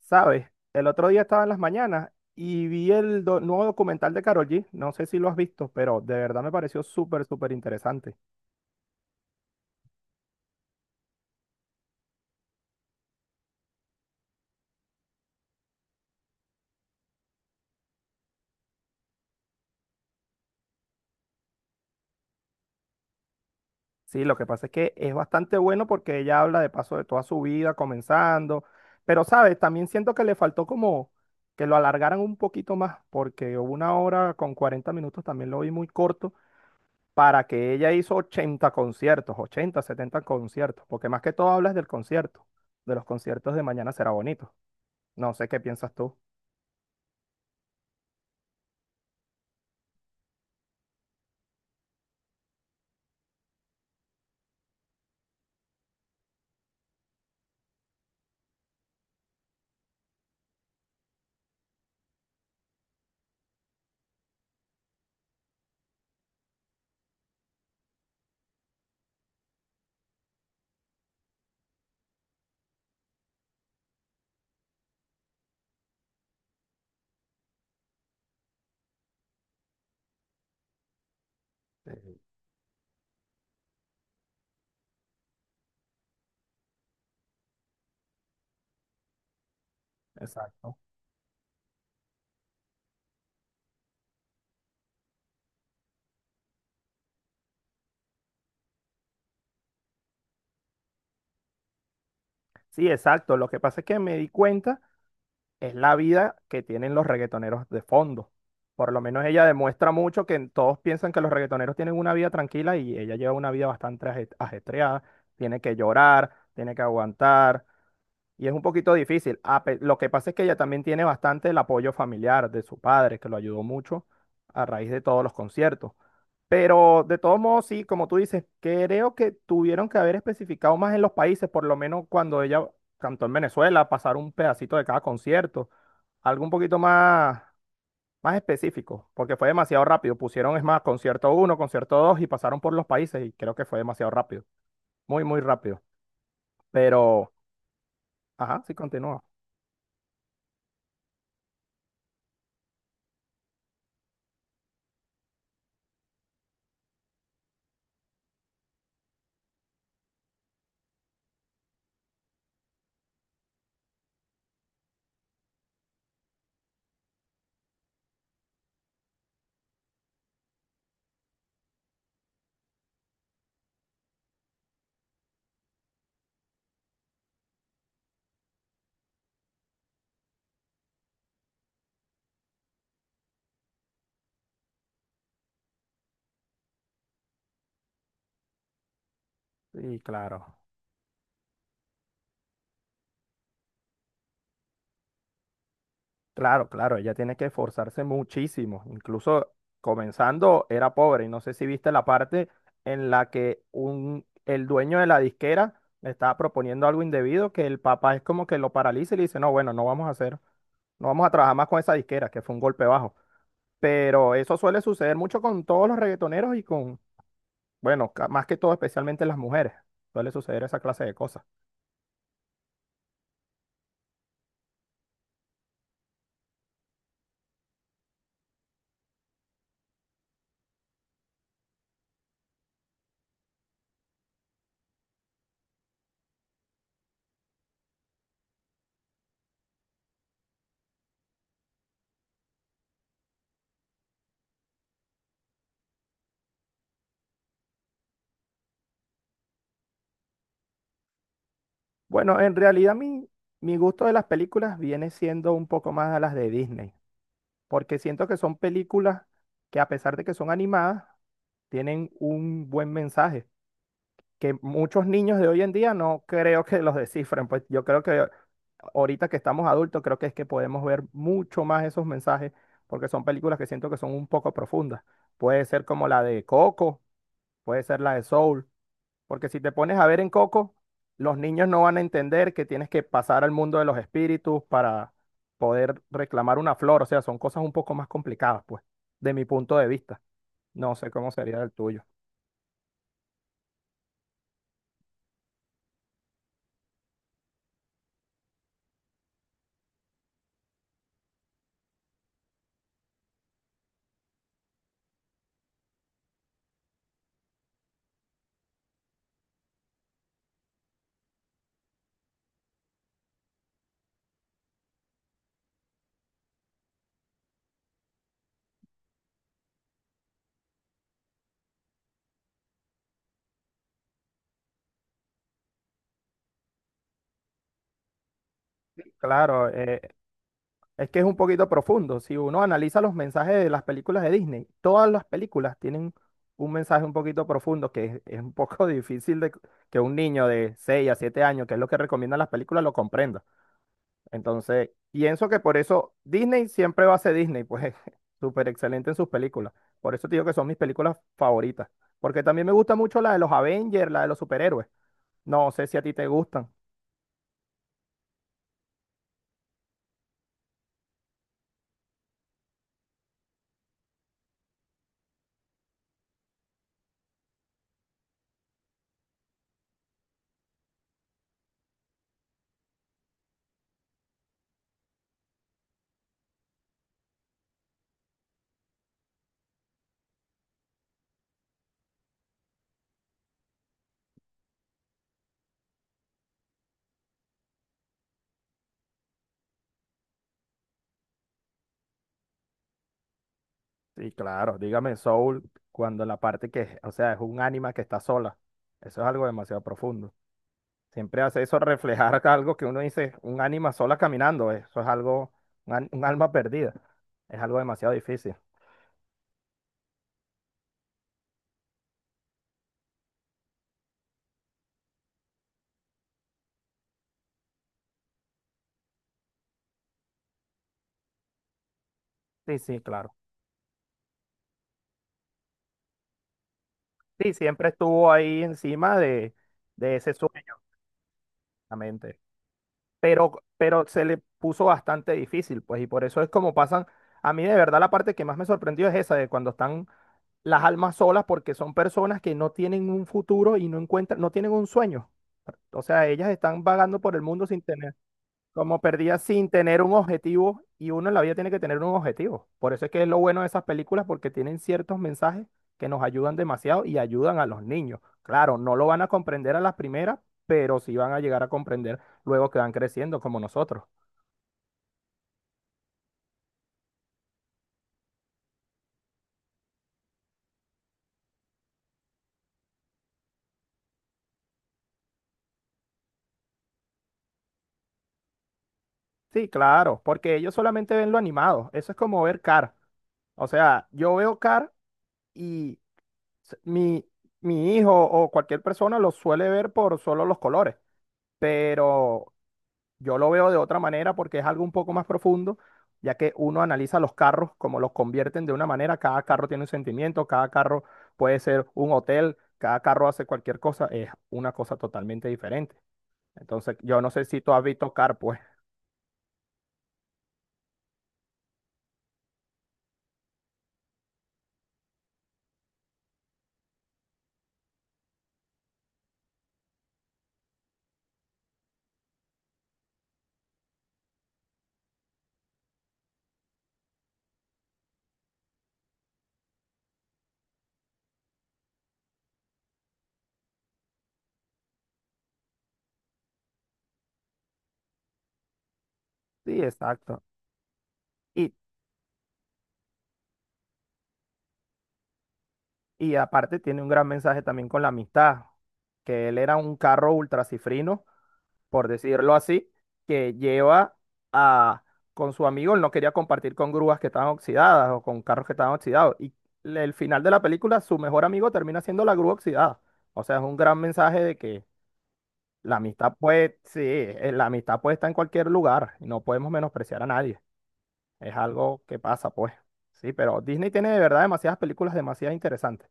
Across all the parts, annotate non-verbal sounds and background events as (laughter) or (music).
¿Sabes? El otro día estaba en las mañanas y vi el nuevo documental de Karol G. No sé si lo has visto, pero de verdad me pareció súper, súper interesante. Sí, lo que pasa es que es bastante bueno porque ella habla de paso de toda su vida, comenzando. Pero, ¿sabes? También siento que le faltó como que lo alargaran un poquito más, porque una hora con 40 minutos también lo vi muy corto para que ella hizo 80 conciertos, 80, 70 conciertos, porque más que todo hablas del concierto, de los conciertos de Mañana Será Bonito. No sé qué piensas tú. Sí, exacto. Sí, exacto. Lo que pasa es que me di cuenta es la vida que tienen los reggaetoneros de fondo. Por lo menos ella demuestra mucho que todos piensan que los reggaetoneros tienen una vida tranquila y ella lleva una vida bastante ajetreada. Tiene que llorar, tiene que aguantar, y es un poquito difícil. Lo que pasa es que ella también tiene bastante el apoyo familiar de su padre, que lo ayudó mucho a raíz de todos los conciertos. Pero de todos modos, sí, como tú dices, creo que tuvieron que haber especificado más en los países, por lo menos cuando ella cantó en Venezuela, pasar un pedacito de cada concierto, algo un poquito más, más específico, porque fue demasiado rápido. Pusieron, es más, concierto uno, concierto dos y pasaron por los países y creo que fue demasiado rápido, muy, muy rápido. Pero, ajá, sí continúa. Sí, claro. Claro, claro, ella tiene que esforzarse muchísimo. Incluso comenzando era pobre. Y no sé si viste la parte en la que un, el dueño de la disquera le estaba proponiendo algo indebido, que el papá es como que lo paraliza y le dice, no, bueno, no vamos a hacer, no vamos a trabajar más con esa disquera, que fue un golpe bajo. Pero eso suele suceder mucho con todos los reggaetoneros y con, bueno, más que todo especialmente las mujeres. Suele suceder esa clase de cosas. Bueno, en realidad mi gusto de las películas viene siendo un poco más a las de Disney, porque siento que son películas que a pesar de que son animadas, tienen un buen mensaje, que muchos niños de hoy en día no creo que los descifren, pues yo creo que ahorita que estamos adultos, creo que es que podemos ver mucho más esos mensajes, porque son películas que siento que son un poco profundas. Puede ser como la de Coco, puede ser la de Soul, porque si te pones a ver en Coco, los niños no van a entender que tienes que pasar al mundo de los espíritus para poder reclamar una flor. O sea, son cosas un poco más complicadas, pues, de mi punto de vista. No sé cómo sería el tuyo. Claro, es que es un poquito profundo. Si uno analiza los mensajes de las películas de Disney, todas las películas tienen un mensaje un poquito profundo que es un poco (laughs) difícil de que un niño de 6 a 7 años, que es lo que recomiendan las películas, lo comprenda. Entonces, pienso que por eso Disney siempre va a ser Disney, pues (laughs) súper excelente en sus películas. Por eso te digo que son mis películas favoritas. Porque también me gusta mucho la de los Avengers, la de los superhéroes. No sé si a ti te gustan. Sí, claro, dígame Soul, cuando la parte que, o sea, es un ánima que está sola. Eso es algo demasiado profundo. Siempre hace eso reflejar (laughs) algo que uno dice, un ánima sola caminando. Eso es algo, un alma perdida. Es algo demasiado difícil. Sí, sí, claro. Sí, siempre estuvo ahí encima de ese sueño, exactamente. Pero se le puso bastante difícil, pues, y por eso es como pasan. A mí, de verdad, la parte que más me sorprendió es esa, de cuando están las almas solas, porque son personas que no tienen un futuro y no encuentran, no tienen un sueño. O sea, ellas están vagando por el mundo sin tener. Como perdida sin tener un objetivo, y uno en la vida tiene que tener un objetivo. Por eso es que es lo bueno de esas películas, porque tienen ciertos mensajes que nos ayudan demasiado y ayudan a los niños. Claro, no lo van a comprender a las primeras, pero sí van a llegar a comprender luego que van creciendo como nosotros. Sí, claro, porque ellos solamente ven lo animado. Eso es como ver Car. O sea, yo veo Car y s- mi, mi hijo o cualquier persona lo suele ver por solo los colores. Pero yo lo veo de otra manera porque es algo un poco más profundo, ya que uno analiza los carros como los convierten de una manera, cada carro tiene un sentimiento, cada carro puede ser un hotel, cada carro hace cualquier cosa, es una cosa totalmente diferente. Entonces, yo no sé si tú has visto Car, pues. Sí, exacto. Y, y aparte tiene un gran mensaje también con la amistad, que él era un carro ultracifrino por decirlo así, que lleva a, con su amigo, él no quería compartir con grúas que estaban oxidadas o con carros que estaban oxidados. Y el final de la película, su mejor amigo termina siendo la grúa oxidada. O sea, es un gran mensaje de que la amistad puede, sí, la amistad puede estar en cualquier lugar y no podemos menospreciar a nadie. Es algo que pasa, pues. Sí, pero Disney tiene de verdad demasiadas películas demasiado interesantes.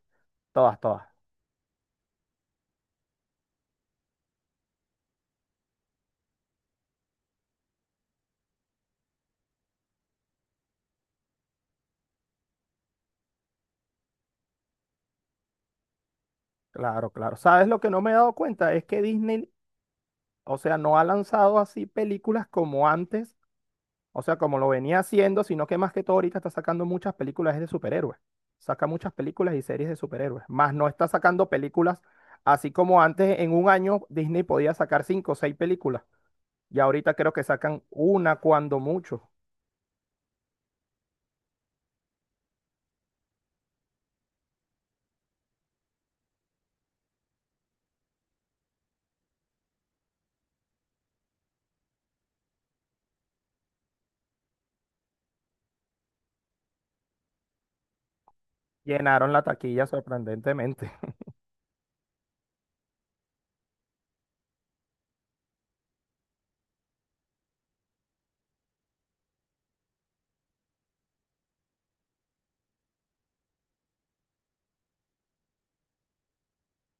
Todas, todas. Claro, claro. ¿Sabes lo que no me he dado cuenta? Es que Disney, o sea, no ha lanzado así películas como antes. O sea, como lo venía haciendo, sino que más que todo ahorita está sacando muchas películas de superhéroes. Saca muchas películas y series de superhéroes. Más no está sacando películas, así como antes en un año Disney podía sacar cinco o seis películas. Y ahorita creo que sacan una cuando mucho. Llenaron la taquilla sorprendentemente. (laughs)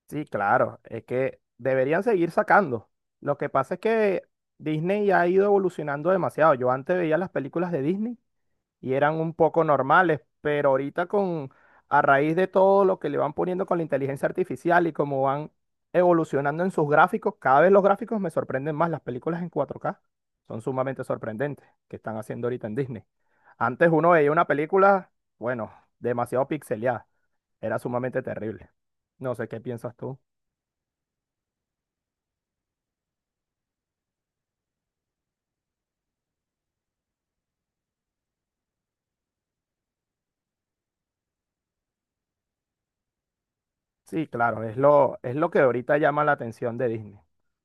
Sí, claro, es que deberían seguir sacando. Lo que pasa es que Disney ya ha ido evolucionando demasiado. Yo antes veía las películas de Disney y eran un poco normales, pero ahorita a raíz de todo lo que le van poniendo con la inteligencia artificial y cómo van evolucionando en sus gráficos, cada vez los gráficos me sorprenden más. Las películas en 4K son sumamente sorprendentes que están haciendo ahorita en Disney. Antes uno veía una película, bueno, demasiado pixeleada, era sumamente terrible. No sé qué piensas tú. Sí, claro, es lo que ahorita llama la atención de Disney.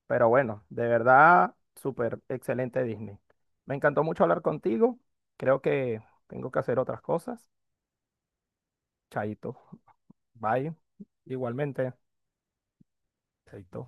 Pero bueno, de verdad, súper excelente Disney. Me encantó mucho hablar contigo. Creo que tengo que hacer otras cosas. Chaito. Bye. Igualmente. Chaito.